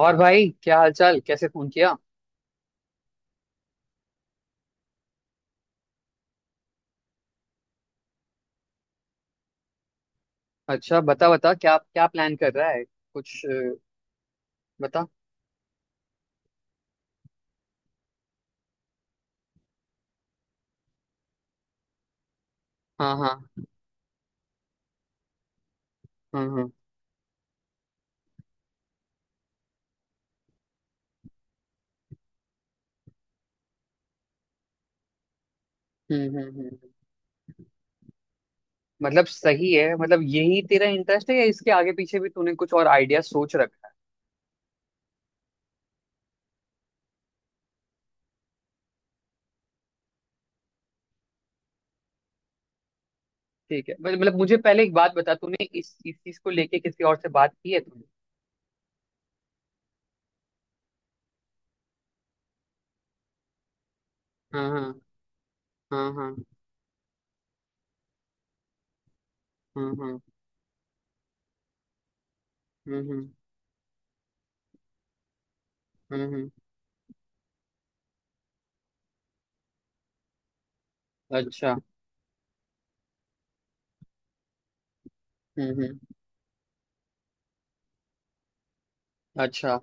और भाई, क्या हालचाल? कैसे फोन किया? अच्छा, बता बता क्या क्या प्लान कर रहा है कुछ? बता। हाँ हाँ। हाँ हाँ। हम्म हम्म हम्म हम्म। मतलब सही है। मतलब यही तेरा इंटरेस्ट है या इसके आगे पीछे भी तूने कुछ और आइडिया सोच रखा है? ठीक है। मतलब मुझे पहले एक बात बता, तूने इस चीज को लेके किसी और से बात की है तूने? हाँ हाँ। हाँ हाँ। हाँ हाँ। हम्म। हम्म हम्म, अच्छा। हम्म। अच्छा।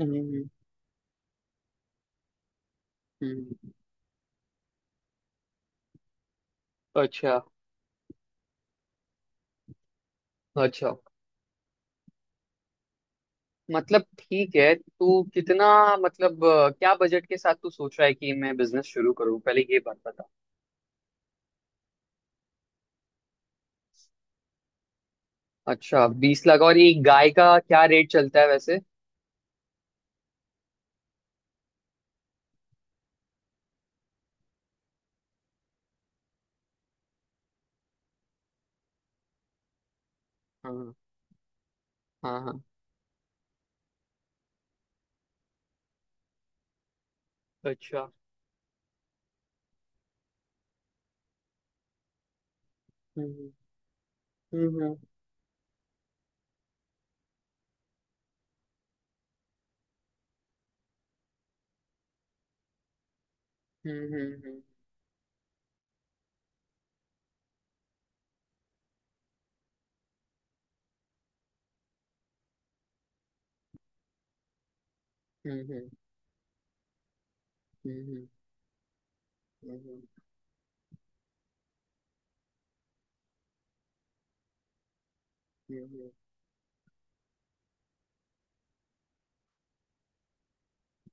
हम्म हम्म हम्म, अच्छा। अच्छा, मतलब ठीक है। तू कितना मतलब क्या बजट के साथ तू सोच रहा है कि मैं बिजनेस शुरू करूँ? पहले ये बात बता। अच्छा, 20 लाख। और एक गाय का क्या रेट चलता है वैसे? हाँ हाँ। हाँ। अच्छा। हम्म हम्म। हम्म हम्म हम्म। हम्म हम्म। हम्म,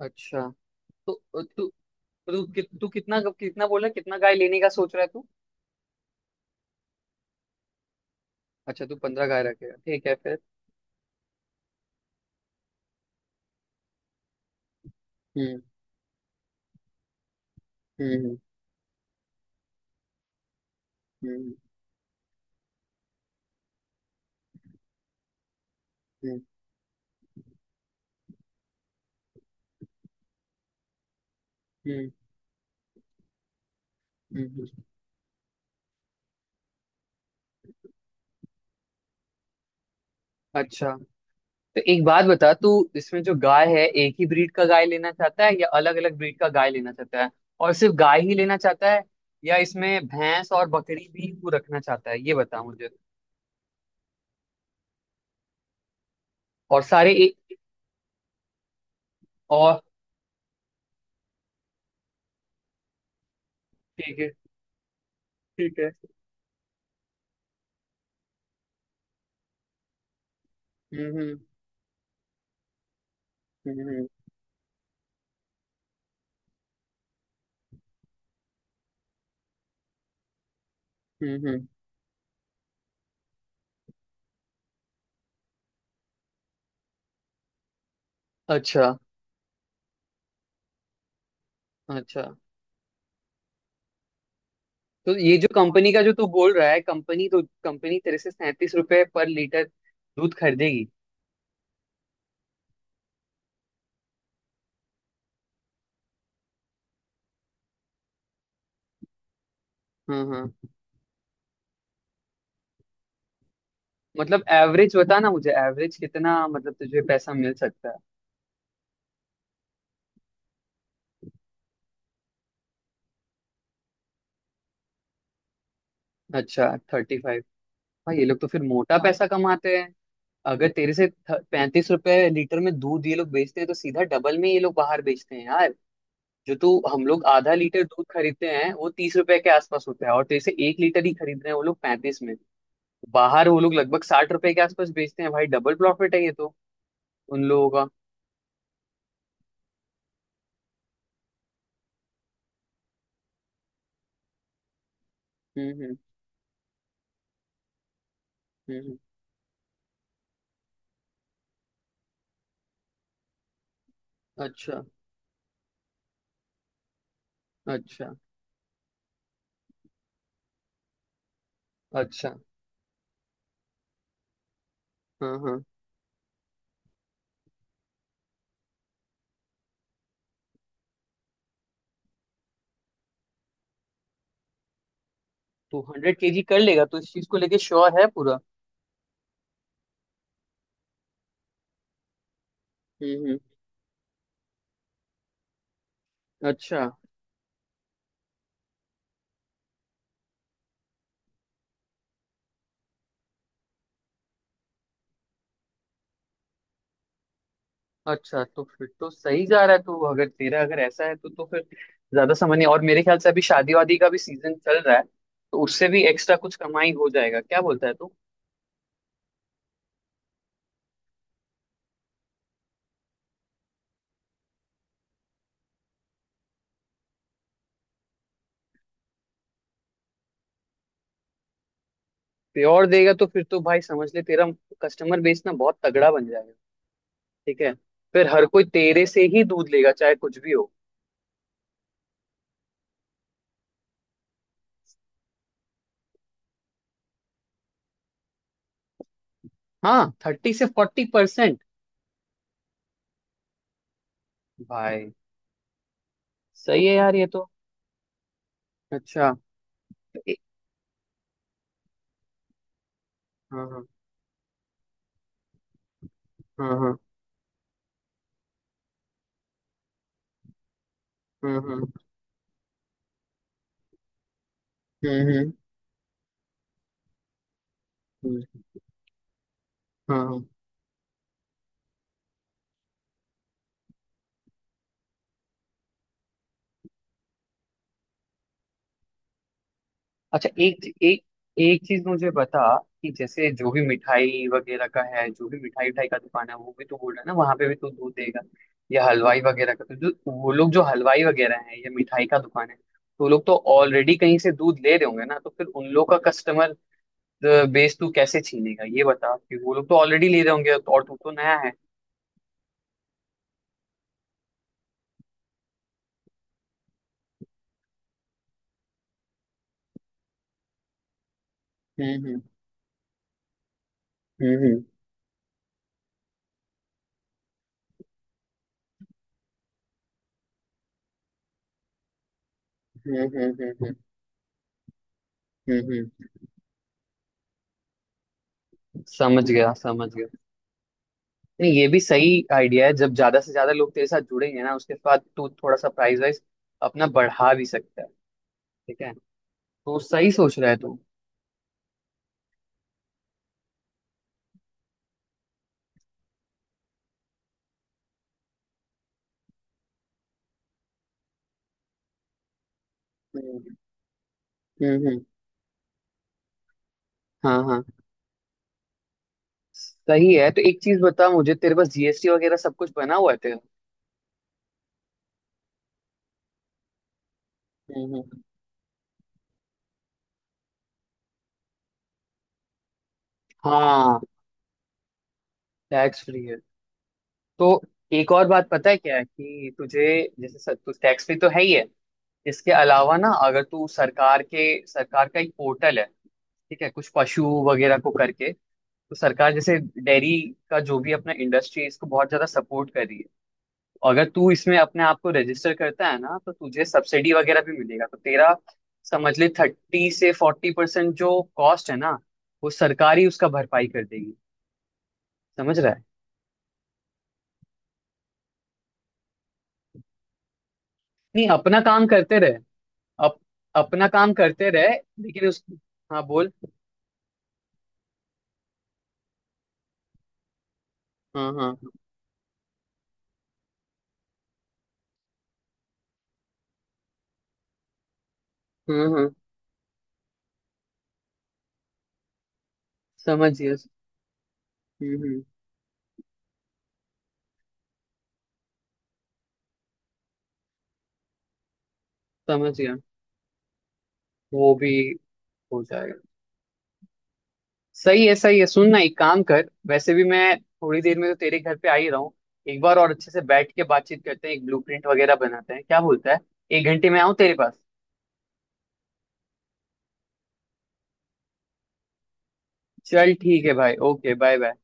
अच्छा। तो तू तू कि- तू कितना कितना बोला? कितना गाय लेने का सोच रहा है तू? अच्छा, तू 15 गाय रखेगा। ठीक है, फिर? हम्म हम्म। हम्म हम्म। हम्म हम्म, हम्म, अच्छा। तो एक बात बता तू, इसमें जो गाय है एक ही ब्रीड का गाय लेना चाहता है या अलग अलग ब्रीड का गाय लेना चाहता है? और सिर्फ गाय ही लेना चाहता है, या इसमें भैंस और बकरी भी तू रखना चाहता है? ये बता मुझे। और सारे एक। और ठीक है। ठीक है। हम्म हम्म हम्म हम्म। हम्म। अच्छा। अच्छा, तो ये जो कंपनी का जो तू बोल रहा है, कंपनी तो कंपनी तेरे से 37 रुपए पर लीटर दूध खरीदेगी? हाँ हाँ। मतलब एवरेज बता ना मुझे। एवरेज कितना मतलब तुझे पैसा मिल सकता है? अच्छा, 30? भाई, ये लोग तो फिर मोटा पैसा कमाते हैं। अगर तेरे से 35 रुपए लीटर में दूध ये लोग बेचते हैं तो सीधा डबल में ये लोग बाहर बेचते हैं यार। जो तू, हम लोग आधा लीटर दूध खरीदते हैं वो तीस रुपए के आसपास होता है, और तेरे से एक लीटर ही खरीद रहे हैं वो लोग 35 में। बाहर वो लोग लगभग 60 रुपए के आसपास बेचते हैं भाई। डबल प्रॉफिट है ये तो उन लोगों का। हम्म। हम्म, अच्छा। अच्छा। अच्छा। हाँ हाँ। तू 100 केजी कर लेगा तो इस चीज को लेके श्योर है पूरा? हम्म। अच्छा। अच्छा, तो फिर तो सही जा रहा है। तो अगर तेरा अगर ऐसा है तो फिर ज्यादा समझ नहीं। और मेरे ख्याल से अभी शादी वादी का भी सीजन चल रहा है, तो उससे भी एक्स्ट्रा कुछ कमाई हो जाएगा। क्या बोलता है तू? प्योर देगा तो फिर तो भाई समझ ले, तेरा कस्टमर बेस ना बहुत तगड़ा बन जाएगा। ठीक है? फिर हर कोई तेरे से ही दूध लेगा चाहे कुछ भी हो। हाँ, 30 से 40%? भाई सही है यार ये तो। अच्छा। ए- हाँ हाँ। हाँ हाँ। हम्म। हम्म हम्म हम्म, हाँ हाँ। अच्छा, एक एक एक चीज मुझे बता, कि जैसे जो भी मिठाई वगैरह का है, जो भी मिठाई उठाई का दुकान है, वो भी तो बोल रहा है ना, वहां पे भी तो दूध देगा? या हलवाई वगैरह का? तो जो वो लोग जो हलवाई वगैरह है या मिठाई का दुकान है तो वो लोग तो ऑलरेडी कहीं से दूध ले रहे होंगे ना, तो फिर उन लोग का कस्टमर बेस तू कैसे छीनेगा ये बता? कि वो लोग तो ऑलरेडी ले रहे होंगे और तू तो नया है। हम्म हम्म हम्म। हम्म, हम्म। समझ गया समझ गया। नहीं, ये भी सही आइडिया है। जब ज्यादा से ज्यादा लोग तेरे साथ जुड़ेंगे ना, उसके बाद तू थोड़ा सा प्राइस वाइज अपना बढ़ा भी सकता है। ठीक है? तो सही सोच रहा है तू। हम्म हम्म। हाँ हाँ। सही है। तो एक चीज बता मुझे, तेरे पास जीएसटी वगैरह सब कुछ बना हुआ है तेरा? हम्म हम्म। हाँ, टैक्स फ्री है। तो एक और बात, पता है क्या है कि तुझे, जैसे सर, तू टैक्स फ्री तो है ही है, इसके अलावा ना, अगर तू सरकार के, सरकार का एक पोर्टल है ठीक है, कुछ पशु वगैरह को करके, तो सरकार जैसे डेयरी का जो भी अपना इंडस्ट्री है इसको बहुत ज्यादा सपोर्ट कर रही है। और अगर तू इसमें अपने आप को रजिस्टर करता है ना तो तुझे सब्सिडी वगैरह भी मिलेगा। तो तेरा समझ ले 30 से 40% जो कॉस्ट है ना वो सरकार ही उसका भरपाई कर देगी। समझ रहा है? नहीं, अपना काम करते रहे। अप, अपना काम करते रहे। लेकिन उस, हाँ बोल। हाँ हाँ। हम्म। समझ गया। हम्म। समझ गया। वो भी हो जाएगा। सही है सही है। सुन ना, एक काम कर, वैसे भी मैं थोड़ी देर में तो तेरे घर पे आ ही रहा हूँ। एक बार और अच्छे से बैठ के बातचीत करते हैं, एक ब्लूप्रिंट वगैरह बनाते हैं। क्या बोलता है? एक घंटे में आऊँ तेरे पास? चल, ठीक है भाई, ओके बाय बाय।